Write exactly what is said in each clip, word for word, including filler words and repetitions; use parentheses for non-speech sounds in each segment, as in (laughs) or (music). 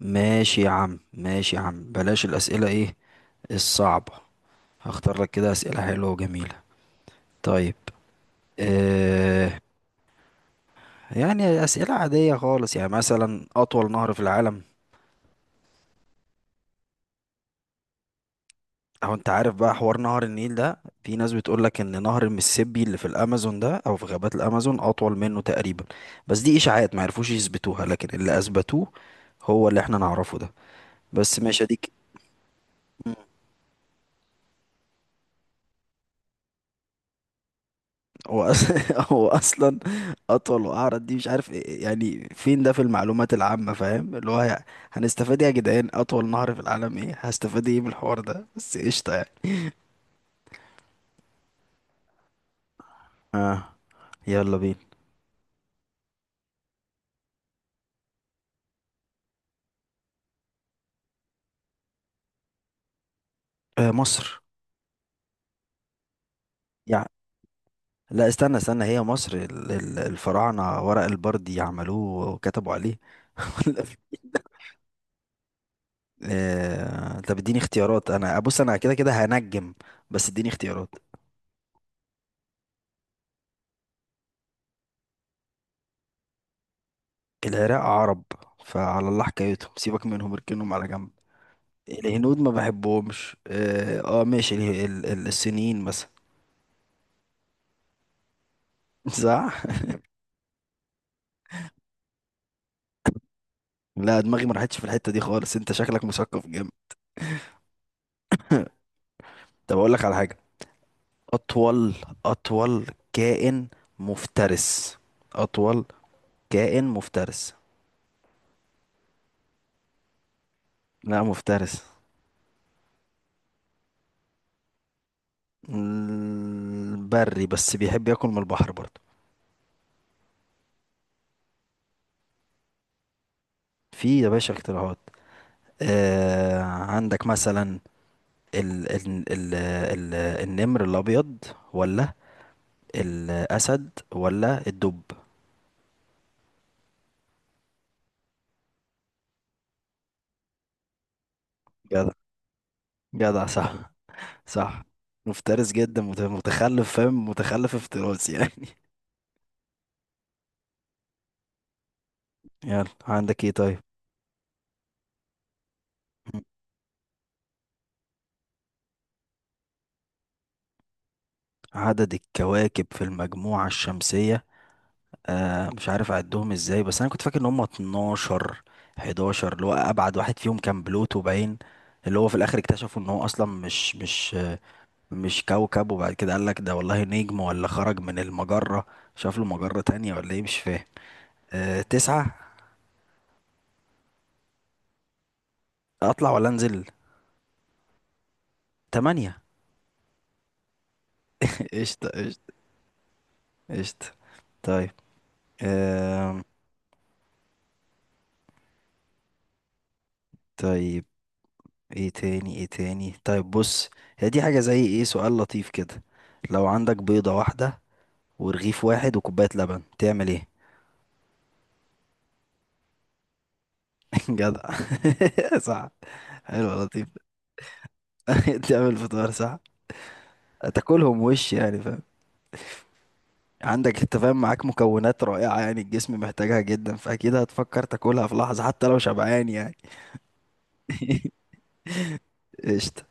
ماشي يا عم ماشي يا عم، بلاش الأسئلة ايه الصعبة. هختار لك كده أسئلة حلوة وجميلة. طيب. اه. يعني أسئلة عادية خالص، يعني مثلا أطول نهر في العالم. أو أنت عارف بقى حوار نهر النيل ده، في ناس بتقول لك إن نهر المسيسيبي اللي في الأمازون ده، أو في غابات الأمازون، أطول منه تقريبا. بس دي إشاعات ما عرفوش يثبتوها، لكن اللي أثبتوه هو اللي احنا نعرفه ده. بس ماشي دي. هو أص- (laughs) هو اصلا اطول واعرض. دي مش عارف إيه- يعني فين ده في المعلومات العامه، فاهم؟ اللي هو يعني هنستفاد إيه يا جدعان اطول نهر في العالم؟ ايه هستفاد ايه من الحوار ده؟ بس قشطه يعني. اه، يلا بينا. آه، مصر. يعني لا، استنى استنى، هي مصر ال- ال- الفراعنه ورق البردي عملوه وكتبوا عليه (laughs) ولا في- آه طب اديني اختيارات، انا بص انا كده كده هنجم، بس اديني اختيارات. العراق عرب، فعلى الله حكايتهم، سيبك منهم، اركنهم على جنب. الهنود ما بحبهمش. اه. آه، ماشي. ال- ال- ال- السنين مثلا. (laughs) صح. لا دماغي ما راحتش في الحتة دي خالص، انت شكلك مثقف جامد. طب اقول لك على حاجة. اطول اطول كائن مفترس. اطول كائن مفترس. لا مفترس. ال- بري، بس بيحب ياكل من البحر برضه. في يا باشا اختراعات. آه عندك مثلا ال ال ال ال النمر الابيض، ولا الاسد ولا الدب. جدع جدع، صح، صح. مفترس جدا، مت- متخلف، فاهم؟ متخلف افتراس يعني (laughs) يلا عندك ايه طيب؟ عدد الكواكب في المجموعة الشمسية. آه مش عارف أعدهم ازاي، بس أنا كنت فاكر إن هما اثناشر، حداشر. اللي هو أبعد واحد فيهم كان بلوتو باين، اللي هو في الآخر اكتشفوا إن هو أصلا مش مش مش كوكب، وبعد كده قال لك ده والله نجم، ولا خرج من المجرة، شاف له مجرة تانية، ولا إيه مش فاهم. آه، تسعة. أطلع ولا أنزل؟ تمانية. (laughs) قشطة، قشطة، قشطة. طيب. آم. طيب. ايه تاني ايه تاني؟ طيب بص، هي دي حاجة زي ايه، سؤال لطيف كده. لو عندك بيضة واحدة ورغيف واحد وكوباية لبن، تعمل ايه؟ (laughs) جدع (laughs) صح. حلو، لطيف. (laughs) تعمل فطار صح. تاكلهم وش يعني، فاهم؟ عندك انت فاهم، معاك مكونات رائعة يعني، الجسم محتاجها جدا، فأكيد هتفكر تاكلها في لحظة حتى لو شبعان يعني (laughs) قشطة.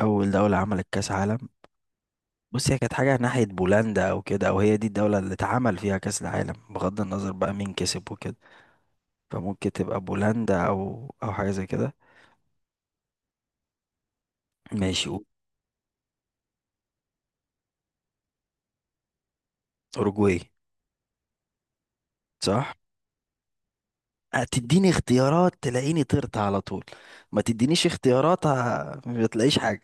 أول دولة عملت كأس عالم. بص، هي كانت حاجة ناحية بولندا أو كده، أو هي دي الدولة اللي اتعمل فيها كأس العالم، بغض النظر بقى مين كسب وكده. فممكن تبقى بولندا أو أو حاجة زي كده. ماشي و- أوروجواي. صح؟ هتديني اختيارات تلاقيني طرت على طول. ما تدينيش اختيارات ه- ما تلاقيش حاجة.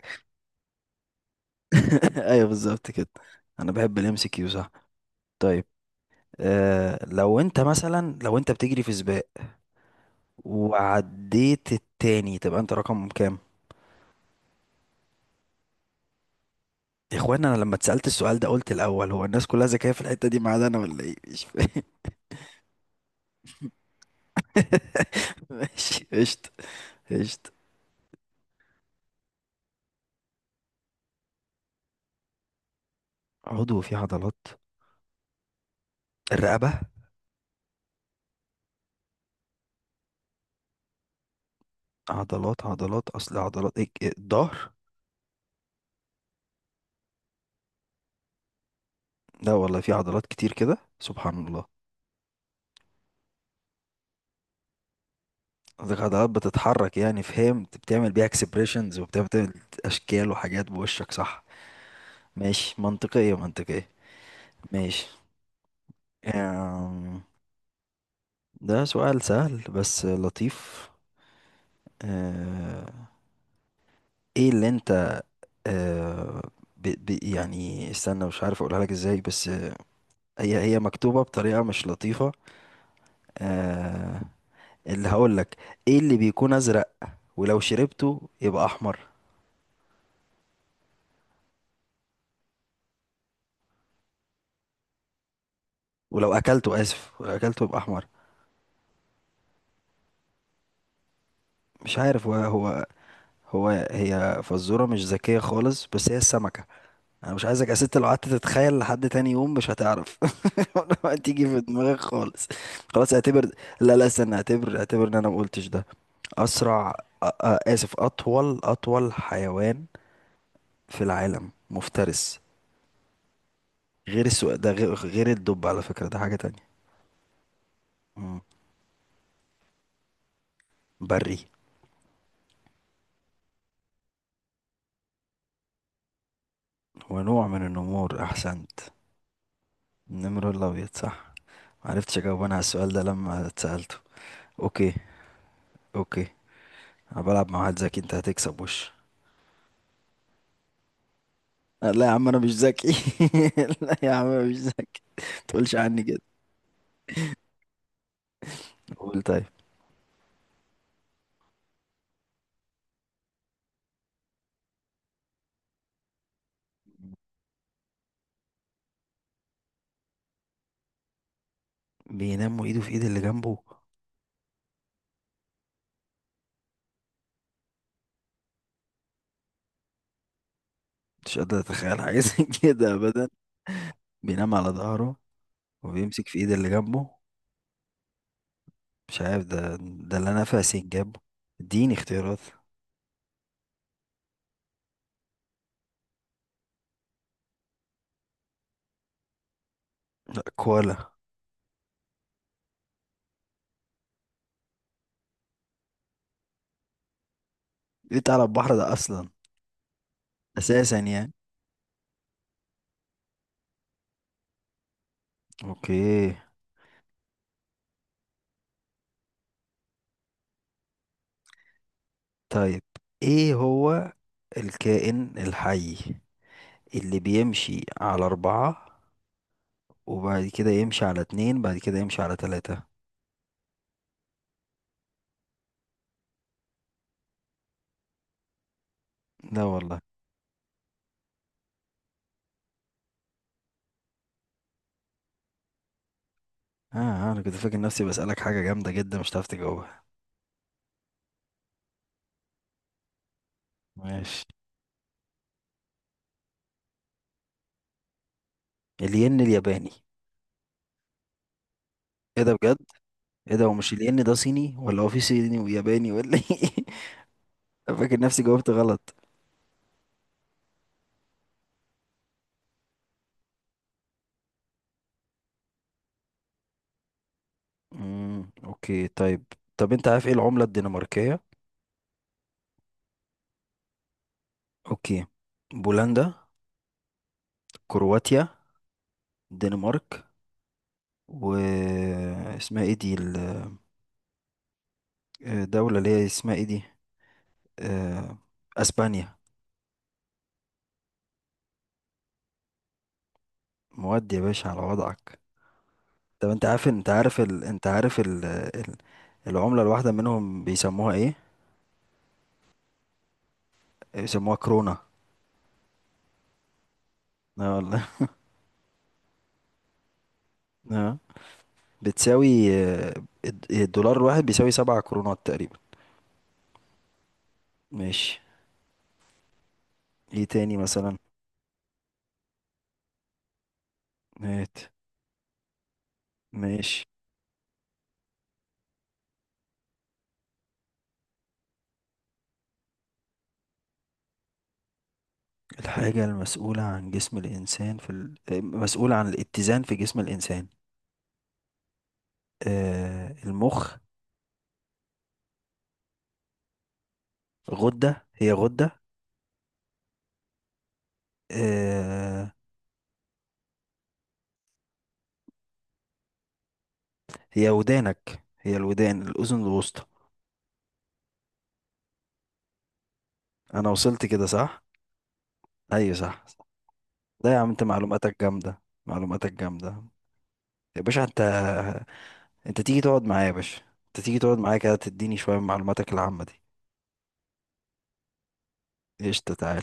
(laughs) أيوه بالظبط كده. أنا بحب الام سي كيو، صح. طيب. آه، لو أنت مثلا لو أنت بتجري في سباق وعديت التاني، تبقى أنت رقم كام؟ يا اخوان انا لما اتسالت السؤال ده قلت الاول، هو الناس كلها ذكيه في الحته دي ما عدا انا، ولا ايه مش فاهم. (laughs) ماشي قشطه، قشطه. عضو فيه عضلات. الرقبه. عضلات عضلات، اصل عضلات إيه إيه، الظهر. لا والله في عضلات كتير كده، سبحان الله. قصدك عضلات بتتحرك يعني، فهمت، بتعمل بيها اكسبريشنز، وبتعمل اشكال وحاجات بوشك، صح. ماشي، منطقيه، منطقيه. ماشي. أم، ده سؤال سهل بس لطيف. أه، ايه اللي انت، آه، ب- ب- يعني استنى، مش عارف اقولها لك ازاي، بس آه، هي هي مكتوبة بطريقة مش لطيفة. آه، اللي هقول لك، ايه اللي بيكون ازرق ولو شربته يبقى احمر، ولو اكلته، اسف، ولو اكلته يبقى احمر؟ مش عارف هو هو هو هي فزورة مش ذكية خالص، بس هي السمكة. انا مش عايزك يا ست لو قعدت تتخيل لحد تاني يوم مش هتعرف (laughs) ولا تيجي في دماغك خالص. خلاص اعتبر. لا لا استنى، اعتبر اعتبر ان انا ما قلتش ده. أسرع أ- أ- آسف، أطول، أطول حيوان في العالم مفترس. غير السو... ده غير غير الدب على فكرة، ده حاجة تانية. مم. بري. هو نوع من النمور، أحسنت. النمر الأبيض صح. معرفتش أجاوب أنا على السؤال ده لما اتسألته. أوكي، أوكي. أنا بلعب مع واحد ذكي، أنت هتكسب وش. لا يا عم أنا مش ذكي (laughs) لا يا عم أنا مش ذكي، متقولش عني كده. قول طيب. بينام وإيده في إيد اللي جنبه. مش قادر أتخيل حاجة زي كده أبدا. بينام على ظهره وبيمسك في ايد اللي جنبه. مش عارف ده ده اللي انا فاسق جنبه. اديني اختيارات. لا كوالا. جيت على البحر ده اصلا، اساسا يعني. اوكي. طيب ايه هو الكائن الحي اللي بيمشي على اربعة، وبعد كده يمشي على اتنين، بعد كده يمشي على تلاتة؟ لا والله. اه. آه، انا كنت فاكر نفسي بسألك حاجة جامدة جدا مش هتعرف تجاوبها. ماشي. الين الياباني. ايه ده بجد، ايه ده. ومش الين ده صيني، ولا هو في صيني وياباني ولا ايه؟ فاكر نفسي جاوبت غلط. امم اوكي، طيب. طب انت عارف ايه العملة الدنماركية؟ اوكي، بولندا، كرواتيا، الدنمارك، و اسمها ايه دي، الدولة اللي هي اسمها ايه دي، آه، اسبانيا. مواد يا باشا على وضعك. طب انت عارف، انت عارف ال... انت عارف ال... ال... العملة الواحدة منهم بيسموها ايه؟ بيسموها كرونة. اه والله (laughs) اه. بتساوي، آه، الد- الدولار الواحد بيساوي سبعة كرونات تقريبا. ماشي. ايه تاني مثلا؟ مات. ماشي. الحاجة المسؤولة عن جسم الإنسان في ال... مسؤولة عن الاتزان في جسم الإنسان. آه، المخ. غدة، هي غدة. آه، هي ودانك، هي الودان، الأذن الوسطى. أنا وصلت كده صح؟ أيوة صح. لا يا عم أنت معلوماتك جامدة، معلوماتك جامدة. يا باشا أنت، أنت تيجي تقعد معايا يا باشا، أنت تيجي تقعد معايا كده تديني شوية من معلوماتك العامة دي. قشطة، تعالى.